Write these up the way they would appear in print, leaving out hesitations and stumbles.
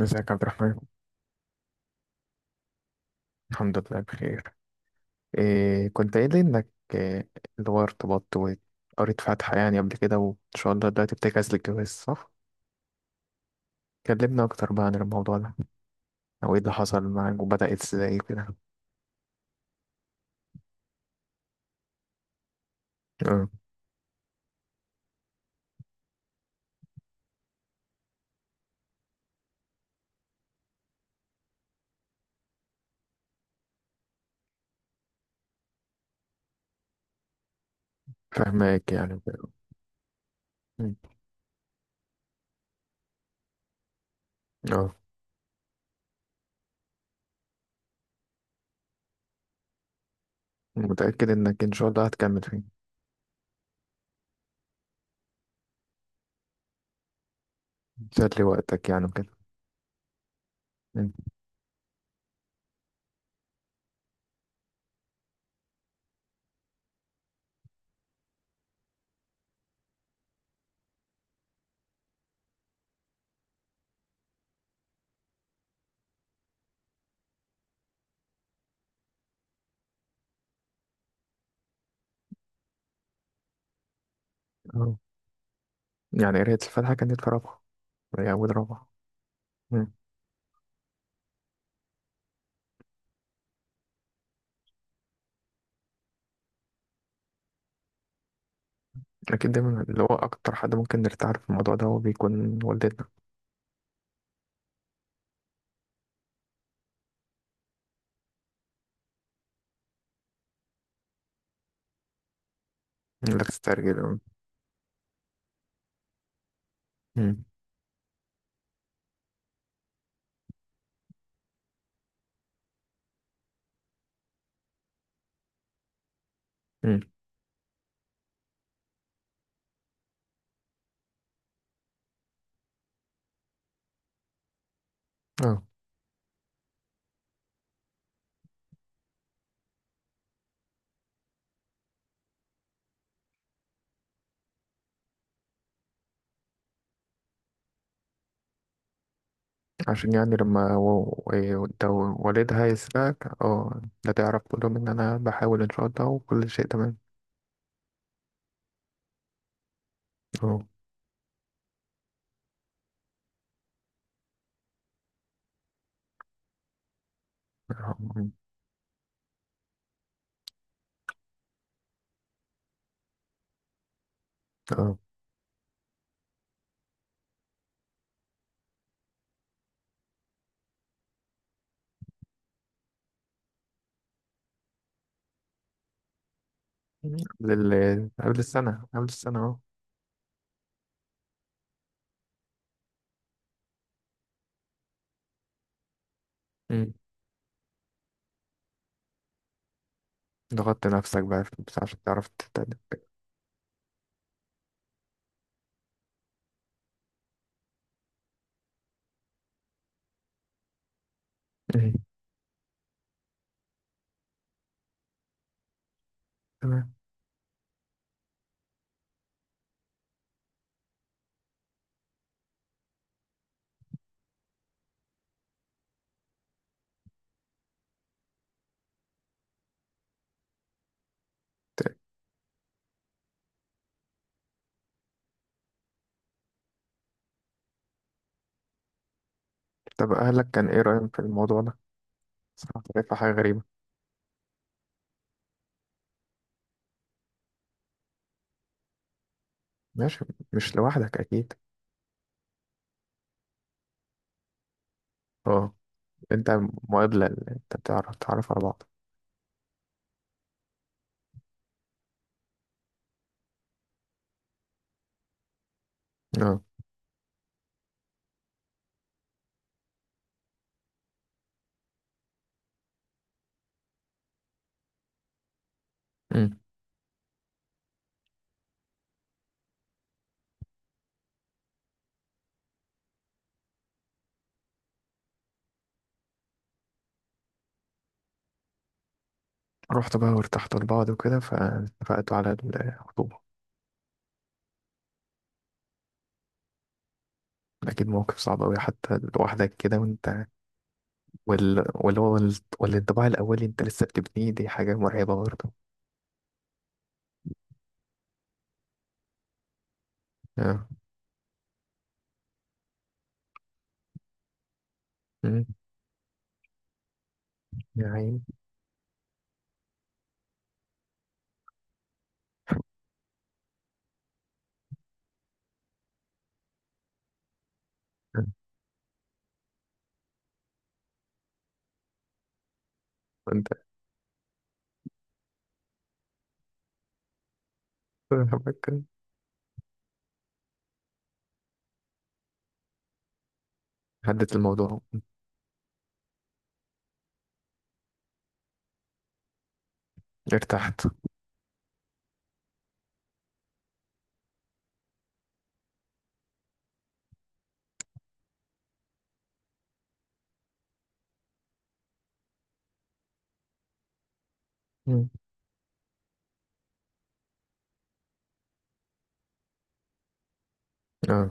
ازيك يا عبد الرحمن؟ الحمد لله بخير. إيه كنت قايل لي انك إيه اللي هو ارتبطت وقريت فاتحة يعني قبل كده وان شاء الله دلوقتي بتجهز للجواز صح؟ كلمنا اكتر بقى عن الموضوع ده، او ايه اللي حصل معاك وبدأت ازاي كده؟ اه، فاهمك يعني وكده. مم. اه، متأكد انك ان شاء الله هتكمل فيه؟ تسلي وقتك يعني وكده؟ مم. اه. يعني قراية الفاتحة كانت في رابعة، هي أول رابعة؟ مم. أكيد دايما اللي هو أكتر حد ممكن نرتاح له في الموضوع ده هو بيكون والدتنا. اللي بتسترجل. مم. مم. اه. عشان يعني لما ده والدها يسألك، لا تعرف تقول لهم ان انا بحاول ان شاء الله وكل شيء تمام. اه. اه قبل السنة اه. مم. ضغطت نفسك بقى بس عشان تعرف تتقدم. مم. تمام. ت- طب أهلك كان إيه رأيهم في الموضوع ده؟ صراحة شايفها حاجة غريبة. ماشي. مش لوحدك أكيد؟ اه. أنت، مقابلة اللي أنت تعرف على بعض. اه. رحت بقى وارتحت لبعض وكده فاتفقتوا على الخطوبة؟ أكيد موقف صعب أوي حتى لوحدك كده وأنت وال... واللي هو ال- والانطباع الأولي أنت لسه بتبنيه، دي حاجة مرعبة برضه. آه. أمم. يا عيني. آه. أنت بك- هدت الموضوع؟ ارتحت. أمم. اه،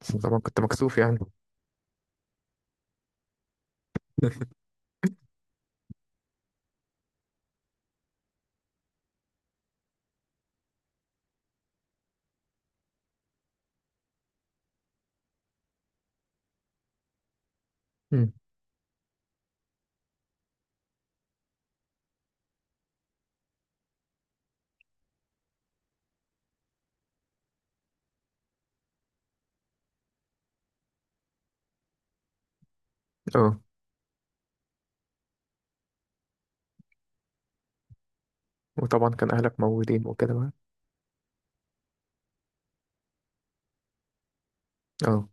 بس طبعا كنت مكسوف يعني. أمم. اه، وطبعا كان أهلك موجودين وكده بقى. اه.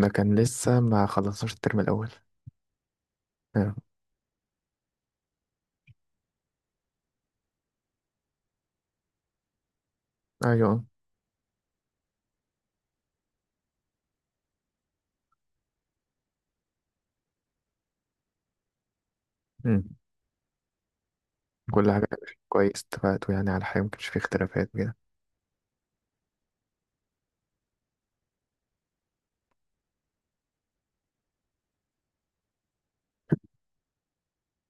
ده كان لسه ما خلصناش الترم الأول. اه. أيوه. أمم. كل حاجة. كويس اتفقتوا يعني على حاجة، مكانش فيه اختلافات كده؟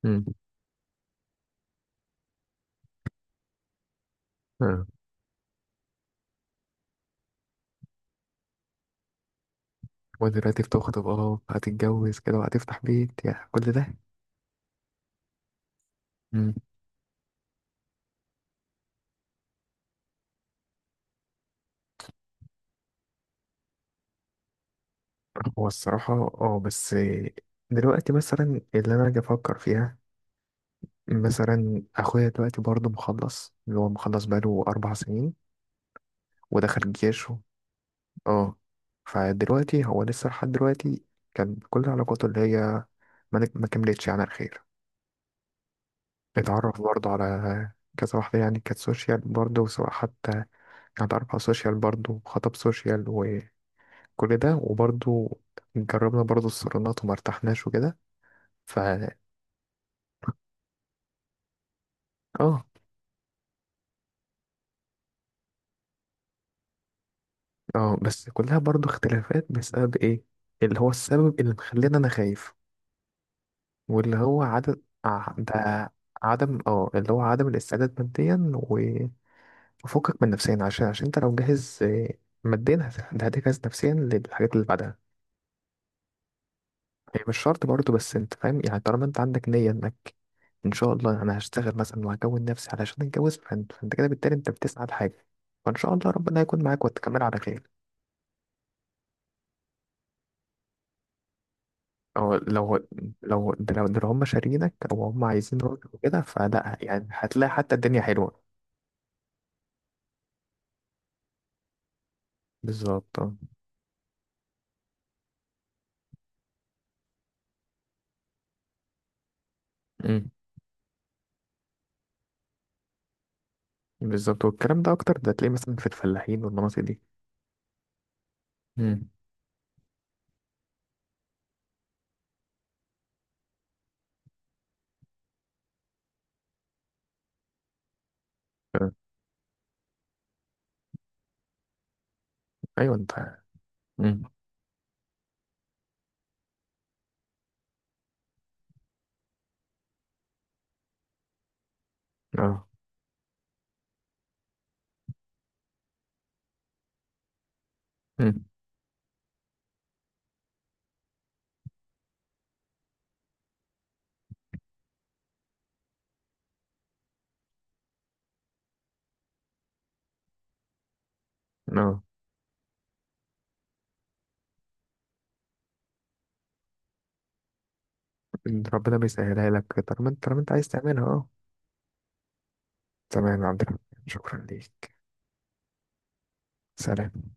امم. اه. ودلوقتي بتخطب، هتتجوز كده وهتفتح بيت يعني كل ده. امم. هو الصراحة اه، بس دلوقتي مثلا اللي أنا أجي أفكر فيها، مثلا أخويا دلوقتي برضه مخلص، اللي هو مخلص بقاله أربع سنين. ودخل الجيش اه. فدلوقتي هو لسه لحد دلوقتي كان كل علاقاته اللي هي ما كملتش يعني على الخير. اتعرف برضه على كذا واحدة، يعني كانت سوشيال برضه، سواء حتى كانت أربعة سوشيال برضه وخطب سوشيال وكل ده. وبرضه جربنا برضه الصالونات وما ارتحناش وكده. فا اه. اه، بس كلها برضه اختلافات بسبب ايه؟ اللي هو السبب اللي مخلينا انا خايف، واللي هو عدم ده عدم اه اللي هو عدم الاستعداد ماديا وفكك من نفسيا. عشان انت لو جاهز ماديا هتجهز نفسيا للحاجات اللي بعدها. هي مش شرط برضه، بس انت فاهم يعني طالما انت عندك نية انك ان شاء الله انا هشتغل مثلا وهكون نفسي علشان اتجوز، فانت كده بالتالي انت بتسعى لحاجة، فان شاء الله ربنا هيكون معاك وتكمل على خير. او لو هم شارينك او هم عايزين راجل وكده، فلا يعني هتلاقي حتى الدنيا حلوة. بالظبط اه. أمم. بالظبط، والكلام ده اكتر ده تلاقيه مثلا في الفلاحين والمناطق دي. أمم. آه. ايوه انت. أمم. اه. أمم. اه، ربنا بيسهلها لك طالما انت عايز تعملها. اه. تمام يا عبد الرحمن، شكرا ليك. سلام.